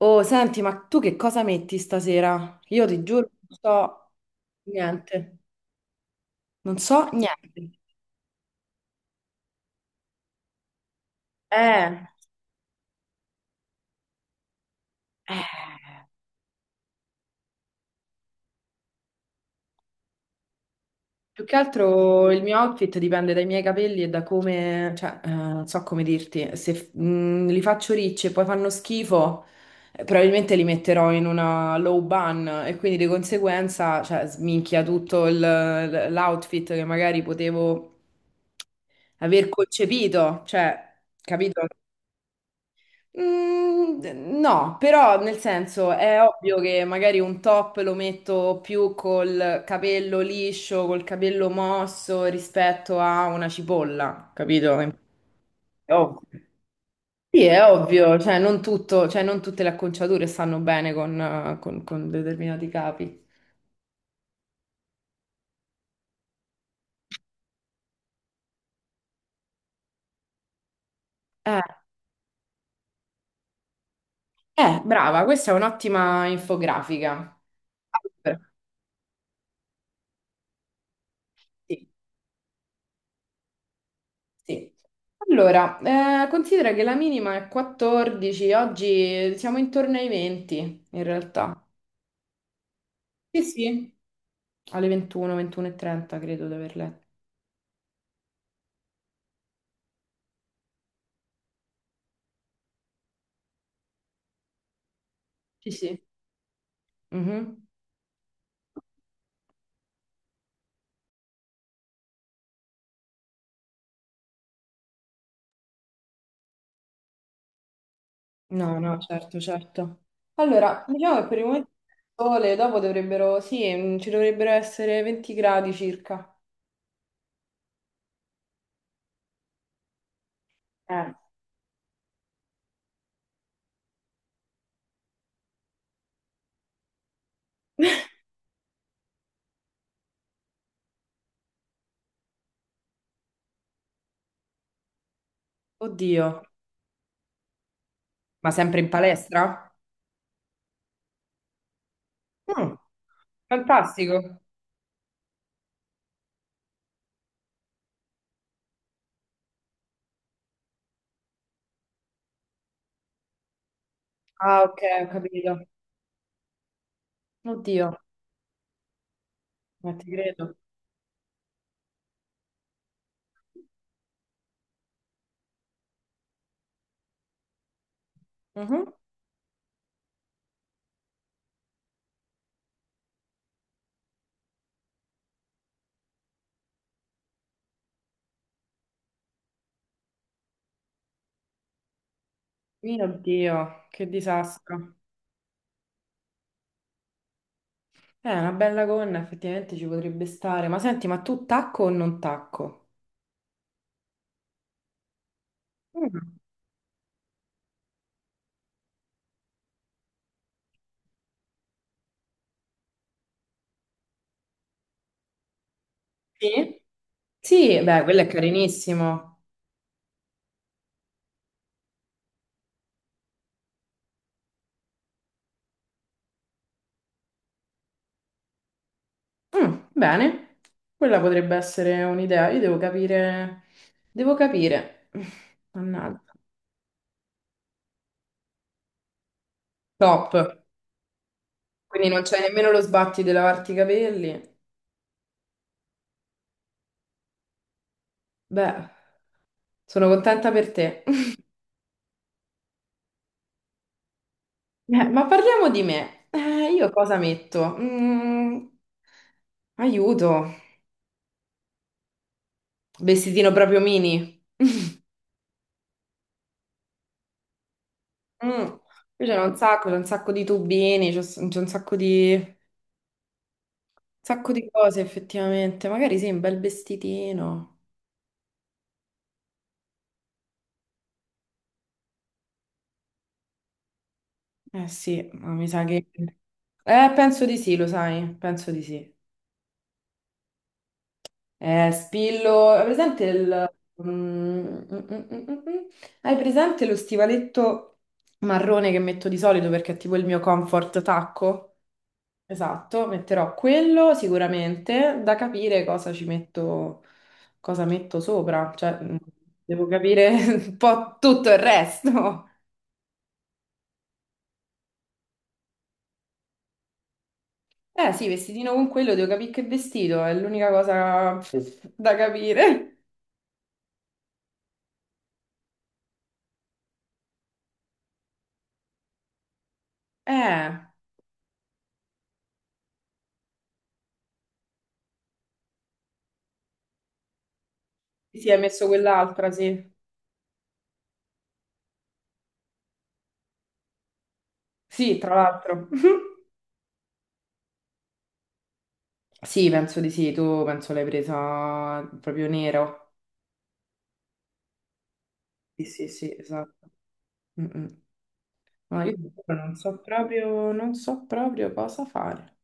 Oh, senti, ma tu che cosa metti stasera? Io ti giuro, non so niente. Non so niente. Eh, eh, Più che altro il mio outfit dipende dai miei capelli e da come, cioè, non so come dirti, se li faccio ricci e poi fanno schifo, probabilmente li metterò in una low bun e quindi di conseguenza, cioè, sminchia tutto l'outfit che magari potevo aver concepito, cioè, capito? Mm, no, però nel senso è ovvio che magari un top lo metto più col capello liscio, col capello mosso rispetto a una cipolla, capito? È ovvio. Sì, è ovvio, cioè non tutto, cioè non tutte le acconciature stanno bene con, con determinati capi. Eh, Brava, questa è un'ottima infografica. Sì. Sì. Allora, considera che la minima è 14, oggi siamo intorno ai 20 in realtà. Sì, sì. Alle 21, 21:30 credo di aver letto. Sì, sì. Mhm. No, no, certo, certo. Allora, diciamo che per il momento il sole, dopo dovrebbero, sì, ci dovrebbero essere 20 gradi circa. Eh. Oddio, ma sempre in palestra? Mm, Fantastico. Ah, ok, ho capito. Oddio, ma ti credo. Mhm. Mio Dio, che disastro. Una bella gonna effettivamente ci potrebbe stare. Ma senti, ma tu tacco o non tacco? Mm. Sì? Sì, beh, quello è carinissimo. Bene, quella potrebbe essere un'idea. Io devo capire. Devo capire. Mannaggia. Top. Quindi non c'è nemmeno lo sbatti di lavarti i capelli. Beh, sono contenta per te. Ma parliamo di me. Io cosa metto? Aiuto. Vestitino proprio mini. Mm. Qui c'è un sacco di tubini, c'è un sacco di cose effettivamente. Magari sì, un bel vestitino. Eh sì, ma mi sa che... Penso di sì, lo sai, penso di sì. Spillo... Hai presente il... Mm, mm, mm, mm, mm. Mm? Hai presente lo stivaletto marrone che metto di solito perché è tipo il mio comfort tacco? Esatto, metterò quello sicuramente, da capire cosa ci metto, cosa metto sopra, cioè devo capire un po' tutto il resto. Eh sì, vestitino con quello, devo capire che vestito, è l'unica cosa da capire. Eh, sì, hai messo quell'altra, sì. Sì, tra l'altro. Sì, penso di sì, tu penso l'hai presa proprio nero. Sì, sì, sì, esatto. Mm, mm. Ma io non so proprio, non so proprio cosa fare.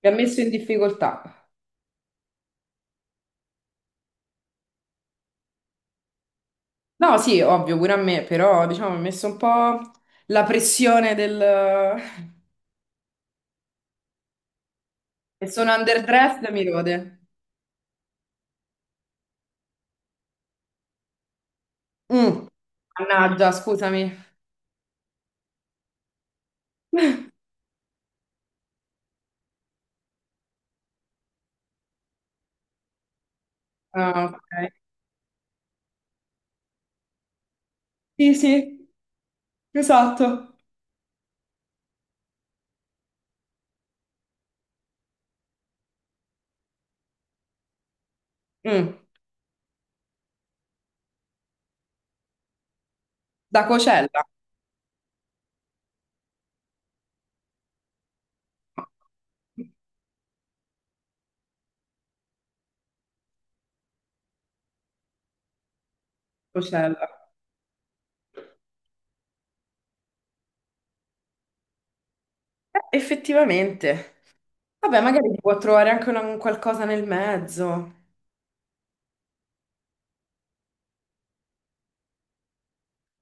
Mi ha messo in difficoltà. No, sì, ovvio, pure a me, però diciamo mi ha messo un po' la pressione del... che sono underdressed, mi rode. Mm. Mannaggia, scusami. Ah, ok. Sì, sì, esatto. Mm. Da Cocella. Cocella. Effettivamente. Vabbè, magari si può trovare anche un qualcosa nel mezzo.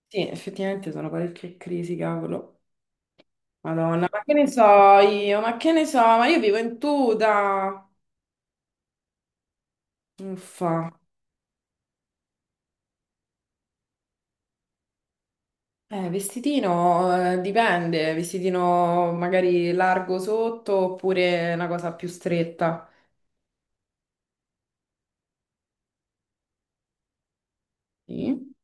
Sì, effettivamente sono parecchie crisi, cavolo. Madonna, ma che ne so io? Ma che ne so? Ma io vivo in tuta. Uffa. Vestitino, dipende, vestitino magari largo sotto oppure una cosa più stretta. Sì.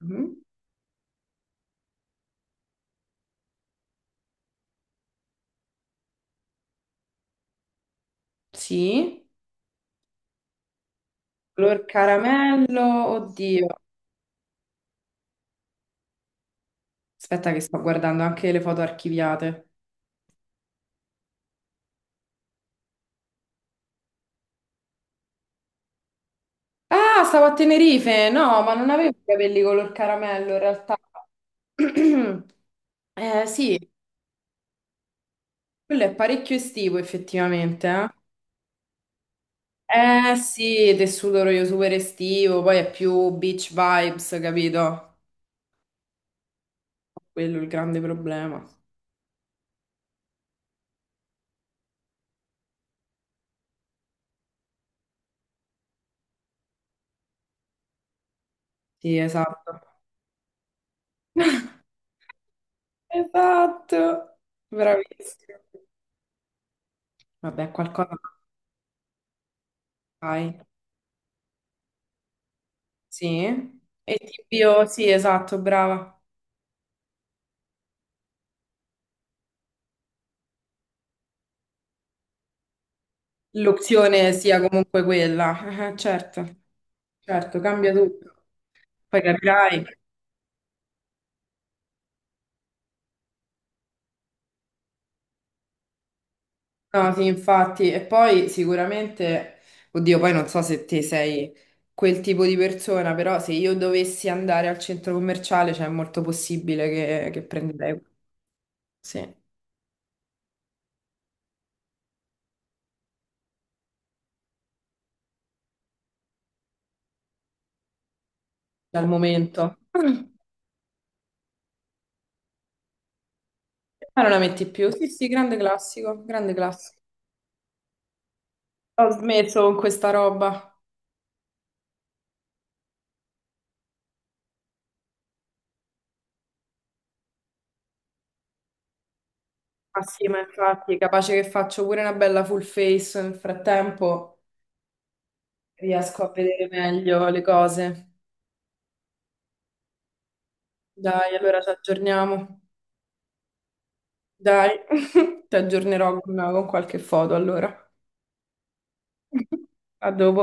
Mhm. Sì. Color caramello, oddio. Aspetta che sto guardando anche le foto archiviate. Ah, stavo a Tenerife. No, ma non avevo i capelli color caramello in realtà. Sì, quello è parecchio estivo effettivamente, eh. Eh sì, tessuto io super estivo, poi è più beach vibes, capito? Quello è il grande problema. Sì, esatto. Esatto, bravissimo. Vabbè, qualcosa fai. Sì. E tipo, sì, esatto, brava. L'opzione sia comunque quella. Certo, certo, cambia tutto. Poi capirai. No, sì, infatti, e poi sicuramente, oddio, poi non so se te sei quel tipo di persona, però se io dovessi andare al centro commerciale, cioè è molto possibile che prenderei, sì, dal momento. Ma non la metti più? Sì, sì, grande classico, grande classico. Ho smesso con questa roba. Ah sì, ma infatti, capace che faccio pure una bella full face, nel frattempo riesco a vedere meglio le cose. Dai, allora ci aggiorniamo. Dai, ti aggiornerò con qualche foto allora. A dopo.